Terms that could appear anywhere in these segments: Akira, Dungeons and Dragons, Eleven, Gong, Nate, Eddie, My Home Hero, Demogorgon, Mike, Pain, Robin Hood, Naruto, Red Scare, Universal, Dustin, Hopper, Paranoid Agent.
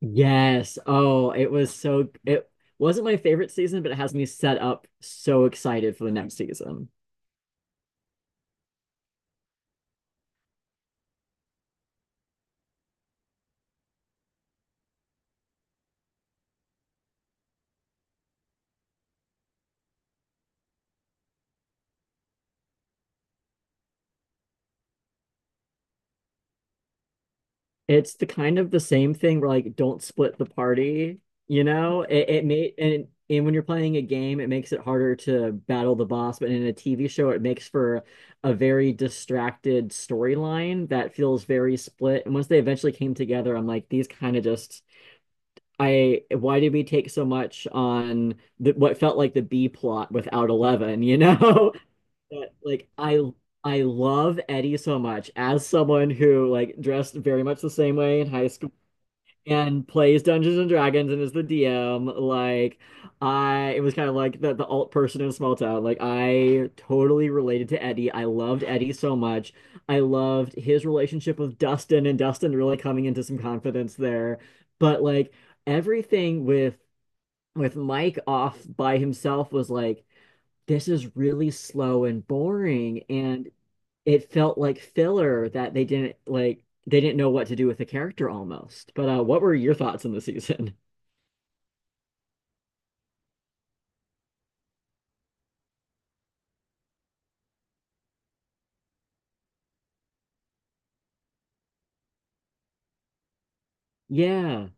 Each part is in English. Yes. Oh, it was so it wasn't my favorite season, but it has me set up so excited for the next season. It's the kind of the same thing where, like, don't split the party, you know? It made, and when you're playing a game, it makes it harder to battle the boss, but in a TV show, it makes for a very distracted storyline that feels very split. And once they eventually came together, I'm like, these kind of just, I, why did we take so much on the, what felt like the B plot without Eleven, you know? But like I love Eddie so much, as someone who, like, dressed very much the same way in high school and plays Dungeons and Dragons and is the DM. Like, I, it was kind of like the alt person in a small town. Like, I totally related to Eddie. I loved Eddie so much. I loved his relationship with Dustin, and Dustin really coming into some confidence there. But like, everything with Mike off by himself was like, this is really slow and boring, and it felt like filler that they didn't, like, they didn't know what to do with the character almost. But what were your thoughts on the season? Yeah.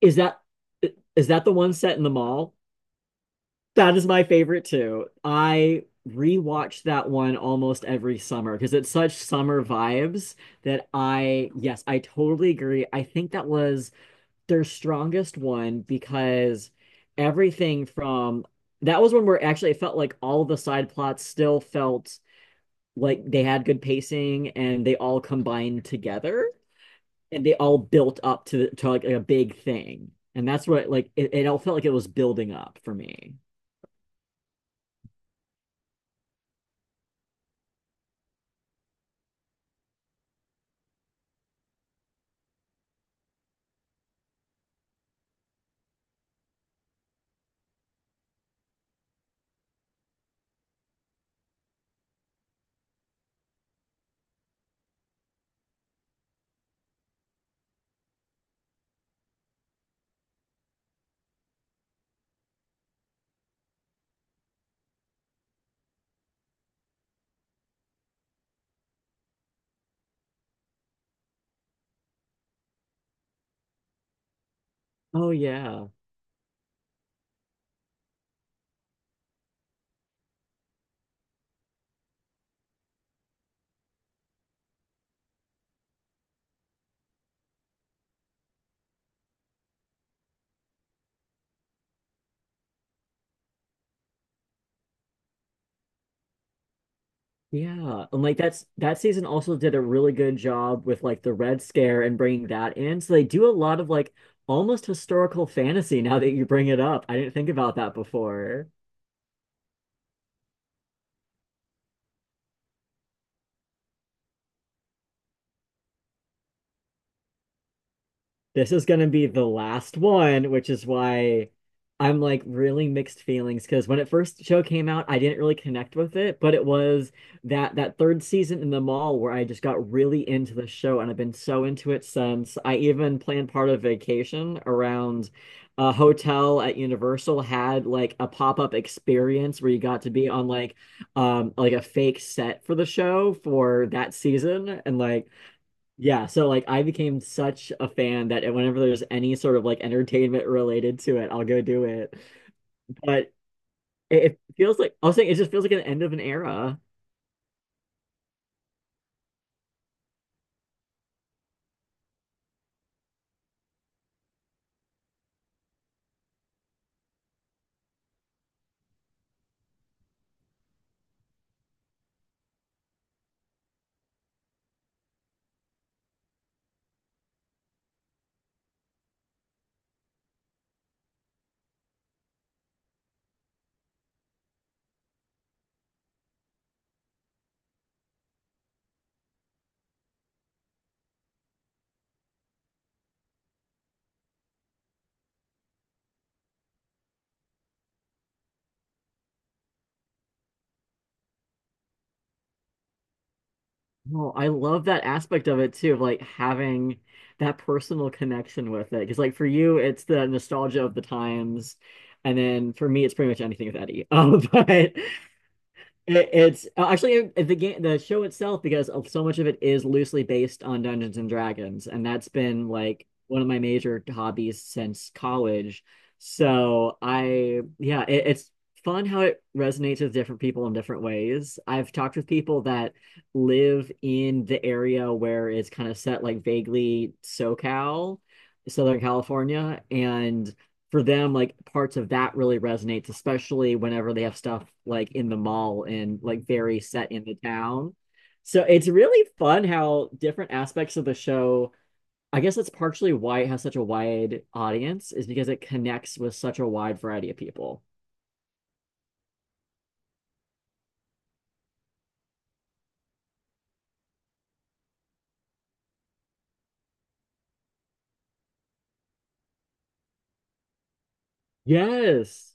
Is that is that the one set in the mall? That is my favorite too. I rewatch that one almost every summer because it's such summer vibes that I, yes, I totally agree. I think that was their strongest one, because everything from that was one where actually it felt like all the side plots still felt like they had good pacing, and they all combined together and they all built up to like a big thing, and that's what, like, it all felt like it was building up for me. Oh yeah. Yeah. And like, that's that season also did a really good job with, like, the Red Scare and bringing that in. So they do a lot of, like, almost historical fantasy, now that you bring it up. I didn't think about that before. This is gonna be the last one, which is why I'm like really mixed feelings, because when it first show came out, I didn't really connect with it, but it was that third season in the mall where I just got really into the show, and I've been so into it since. I even planned part of vacation around a hotel at Universal, had like a pop-up experience where you got to be on, like, like a fake set for the show for that season, and like, yeah, so like I became such a fan that whenever there's any sort of like entertainment related to it, I'll go do it. But it feels like, I was saying, it just feels like an end of an era. No, I love that aspect of it too, of like having that personal connection with it. Because like for you, it's the nostalgia of the times, and then for me, it's pretty much anything with Eddie. But it's actually the game, the show itself, because so much of it is loosely based on Dungeons and Dragons, and that's been like one of my major hobbies since college. So I, yeah, it's fun how it resonates with different people in different ways. I've talked with people that live in the area where it's kind of set, like vaguely SoCal, Southern California, and for them, like parts of that really resonates, especially whenever they have stuff like in the mall and like very set in the town. So it's really fun how different aspects of the show. I guess that's partially why it has such a wide audience, is because it connects with such a wide variety of people. Yes.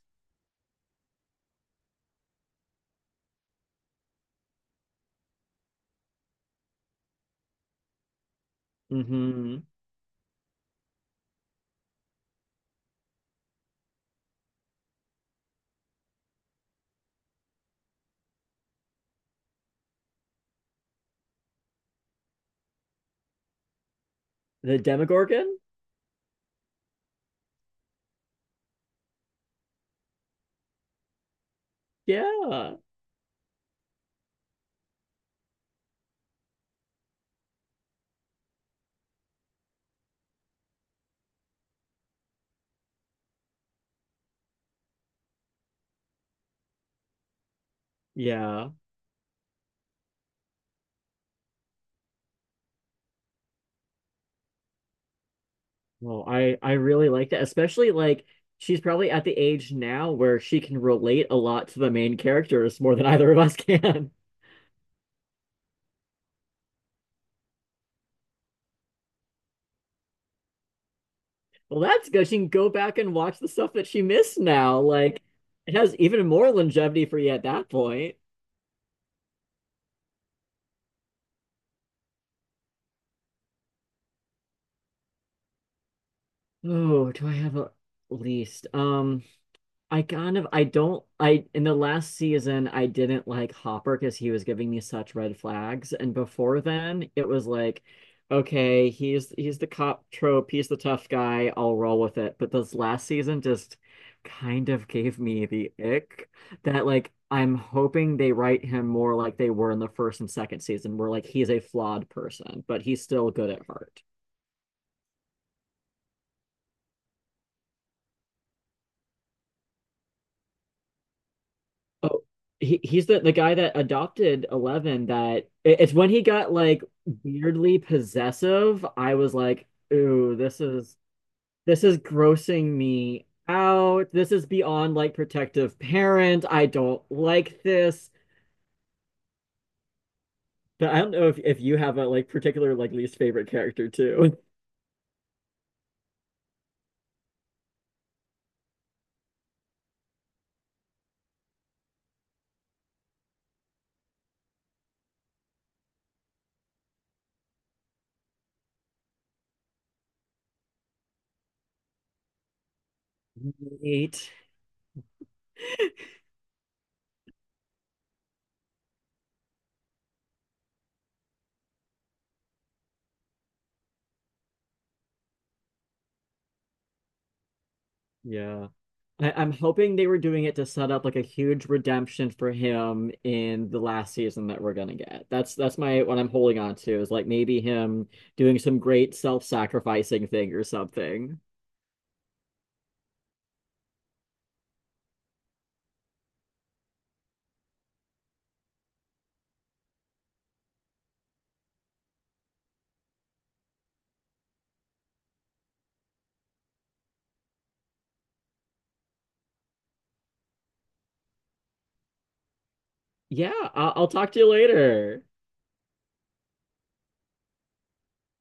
Hmm. The Demogorgon? Yeah. Yeah. Well, I really like that, especially like she's probably at the age now where she can relate a lot to the main characters more than either of us can. Well, that's good. She can go back and watch the stuff that she missed now. Like, it has even more longevity for you at that point. Oh, do I have a least? I kind of, I don't, I, in the last season I didn't like Hopper, because he was giving me such red flags. And before then it was like, okay, he's the cop trope, he's the tough guy, I'll roll with it. But this last season just kind of gave me the ick, that like I'm hoping they write him more like they were in the first and second season, where like he's a flawed person, but he's still good at heart. Oh, he's the guy that adopted Eleven. That it's when he got like weirdly possessive. I was like, ooh, this is grossing me out. This is beyond like protective parent. I don't like this. But I don't know if you have a like particular like least favorite character too. Nate. Yeah. I'm hoping they were doing it to set up like a huge redemption for him in the last season that we're gonna get. That's my what I'm holding on to, is like maybe him doing some great self-sacrificing thing or something. Yeah, I'll talk to you later.